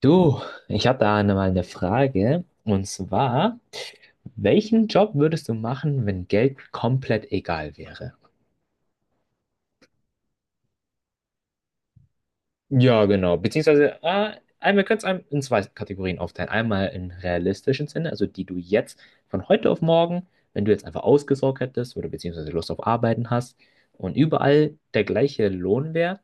Du, ich habe da mal eine Frage. Und zwar, welchen Job würdest du machen, wenn Geld komplett egal wäre? Ja, genau. Beziehungsweise, einmal könnt's einem in zwei Kategorien aufteilen. Einmal in realistischen Sinne, also die du jetzt von heute auf morgen, wenn du jetzt einfach ausgesorgt hättest oder beziehungsweise Lust auf Arbeiten hast und überall der gleiche Lohn wäre,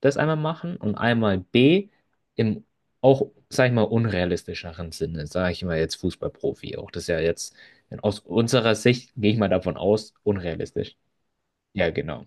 das einmal machen und einmal B im auch, sag ich mal, unrealistischeren Sinne, sage ich mal jetzt Fußballprofi auch. Das ist ja jetzt aus unserer Sicht, gehe ich mal davon aus, unrealistisch. Ja, genau.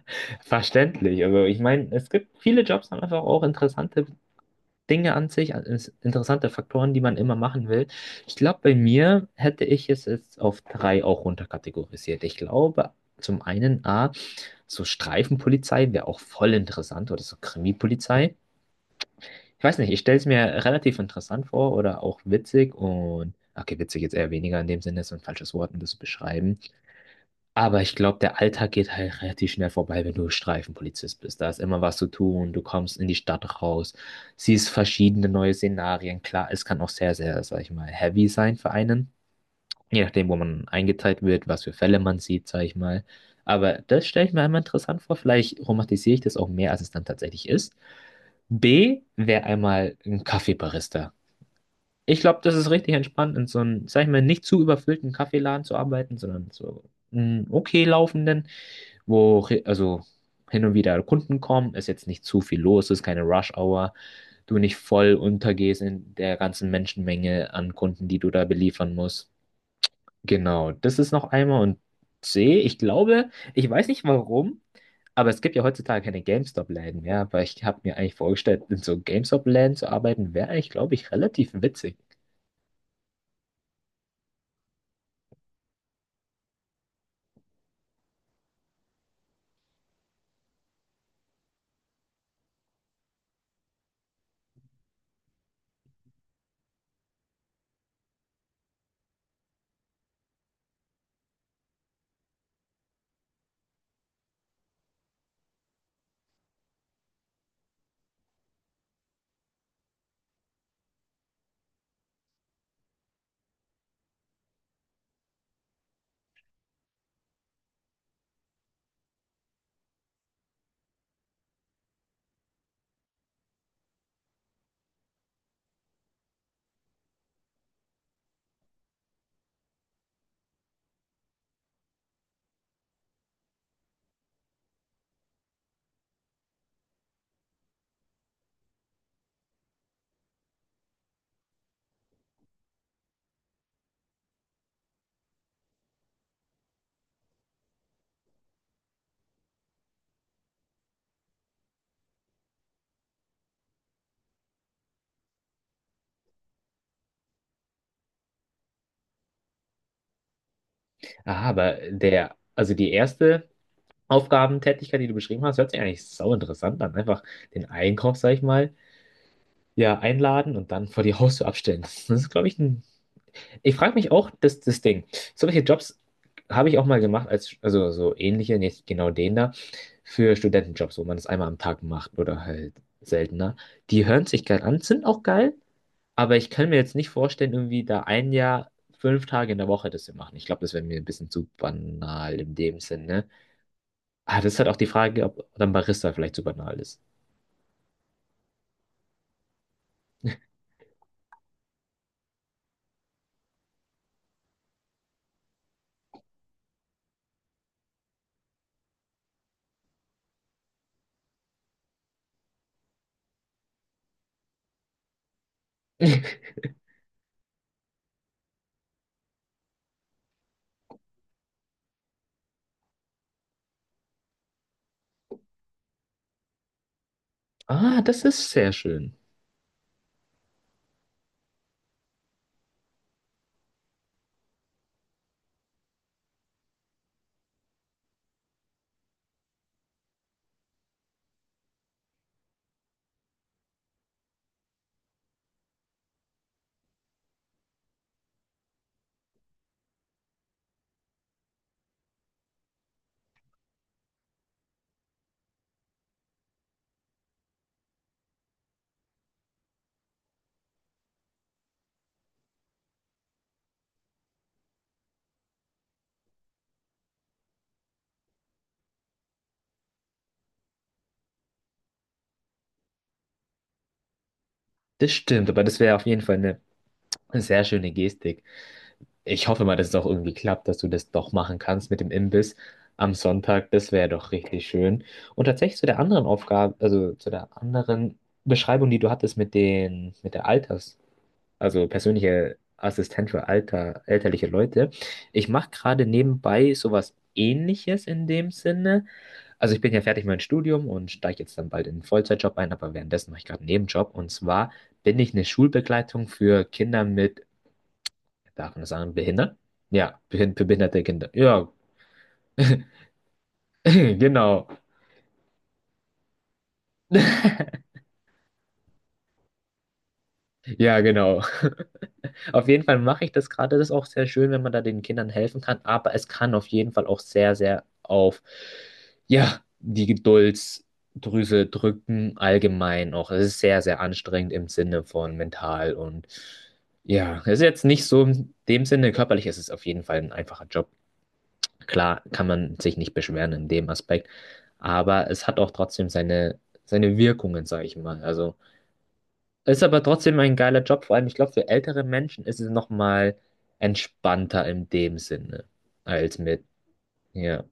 Verständlich. Also ich meine, es gibt viele Jobs haben einfach auch interessante Dinge an sich, interessante Faktoren, die man immer machen will. Ich glaube, bei mir hätte ich es jetzt auf drei auch runterkategorisiert. Ich glaube, zum einen A, so Streifenpolizei wäre auch voll interessant oder so Krimipolizei. Ich weiß nicht, ich stelle es mir relativ interessant vor oder auch witzig und, okay, witzig jetzt eher weniger in dem Sinne, ist ein falsches Wort, um das zu beschreiben. Aber ich glaube, der Alltag geht halt relativ schnell vorbei, wenn du Streifenpolizist bist. Da ist immer was zu tun, du kommst in die Stadt raus, siehst verschiedene neue Szenarien. Klar, es kann auch sehr, sehr, sag ich mal, heavy sein für einen. Je nachdem, wo man eingeteilt wird, was für Fälle man sieht, sag ich mal. Aber das stelle ich mir einmal interessant vor. Vielleicht romantisiere ich das auch mehr, als es dann tatsächlich ist. B wäre einmal ein Kaffeebarista. Ich glaube, das ist richtig entspannt, in so einem, sag ich mal, nicht zu überfüllten Kaffeeladen zu arbeiten, sondern so einen okay laufenden, also hin und wieder Kunden kommen, ist jetzt nicht zu viel los, ist keine Rush-Hour, du nicht voll untergehst in der ganzen Menschenmenge an Kunden, die du da beliefern musst. Genau, das ist noch einmal und C, ich glaube, ich weiß nicht warum, aber es gibt ja heutzutage keine GameStop-Läden mehr, aber ich habe mir eigentlich vorgestellt, in so GameStop-Läden zu arbeiten, wäre eigentlich, glaube ich, relativ witzig. Aha, aber der, also die erste Aufgabentätigkeit, die du beschrieben hast, hört sich eigentlich sau interessant an. Einfach den Einkauf, sag ich mal, ja, einladen und dann vor die Haustür abstellen. Das ist, glaube ich, ein. Ich frage mich auch, das, das Ding. Solche Jobs habe ich auch mal gemacht, als, also so ähnliche, nicht genau den da, für Studentenjobs, wo man das einmal am Tag macht oder halt seltener. Die hören sich geil an, sind auch geil, aber ich kann mir jetzt nicht vorstellen, irgendwie da ein Jahr, 5 Tage in der Woche das zu machen. Ich glaube, das wäre mir ein bisschen zu banal in dem Sinne. Ah, das ist halt auch die Frage, ob dann Barista vielleicht zu banal ist. Ah, das ist sehr schön. Das stimmt, aber das wäre auf jeden Fall eine sehr schöne Gestik. Ich hoffe mal, dass es auch irgendwie klappt, dass du das doch machen kannst mit dem Imbiss am Sonntag. Das wäre doch richtig schön. Und tatsächlich zu der anderen Aufgabe, also zu der anderen Beschreibung, die du hattest mit den, mit der Alters. Also persönliche Assistent für alter, elterliche Leute. Ich mache gerade nebenbei sowas Ähnliches in dem Sinne. Also ich bin ja fertig mit meinem Studium und steige jetzt dann bald in einen Vollzeitjob ein, aber währenddessen mache ich gerade einen Nebenjob. Und zwar bin ich eine Schulbegleitung für Kinder mit, darf man das sagen, Behindern? Ja, für behinderte Kinder. Ja, genau. Ja, genau. Auf jeden Fall mache ich das gerade. Das ist auch sehr schön, wenn man da den Kindern helfen kann. Aber es kann auf jeden Fall auch sehr, sehr auf, ja, die Geduldsdrüse drücken, allgemein auch. Es ist sehr, sehr anstrengend im Sinne von mental und ja, es ist jetzt nicht so in dem Sinne, körperlich ist es auf jeden Fall ein einfacher Job. Klar kann man sich nicht beschweren in dem Aspekt, aber es hat auch trotzdem seine, seine Wirkungen, sage ich mal. Also. Ist aber trotzdem ein geiler Job, vor allem, ich glaube, für ältere Menschen ist es nochmal entspannter in dem Sinne als mit, ja.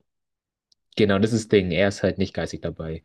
Genau, das ist das Ding. Er ist halt nicht geistig dabei.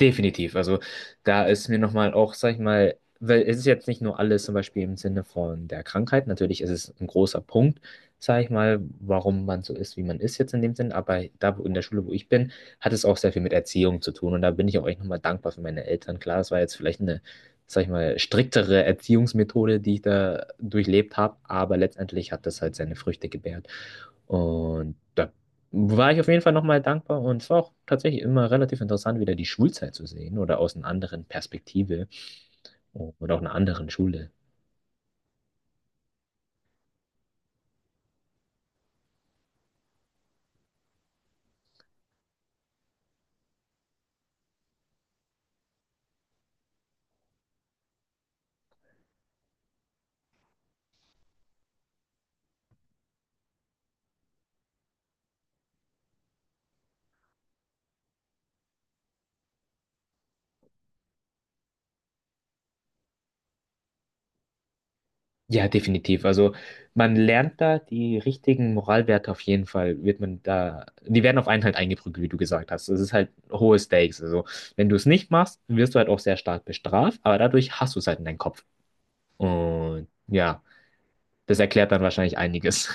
Definitiv. Also da ist mir nochmal auch, sag ich mal, weil es ist jetzt nicht nur alles zum Beispiel im Sinne von der Krankheit. Natürlich ist es ein großer Punkt, sag ich mal, warum man so ist, wie man ist jetzt in dem Sinn. Aber in der Schule, wo ich bin, hat es auch sehr viel mit Erziehung zu tun. Und da bin ich auch echt nochmal dankbar für meine Eltern. Klar, es war jetzt vielleicht eine, sag ich mal, striktere Erziehungsmethode, die ich da durchlebt habe. Aber letztendlich hat das halt seine Früchte gebärt. Und da war ich auf jeden Fall nochmal dankbar. Und es war auch tatsächlich immer relativ interessant, wieder die Schulzeit zu sehen oder aus einer anderen Perspektive oder auch einer anderen Schule. Ja, definitiv. Also man lernt da die richtigen Moralwerte auf jeden Fall, wird man da, die werden auf einen halt eingeprügelt, wie du gesagt hast. Das ist halt hohe Stakes. Also wenn du es nicht machst, wirst du halt auch sehr stark bestraft, aber dadurch hast du es halt in deinem Kopf. Und ja, das erklärt dann wahrscheinlich einiges.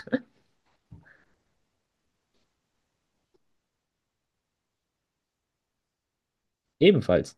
Ebenfalls.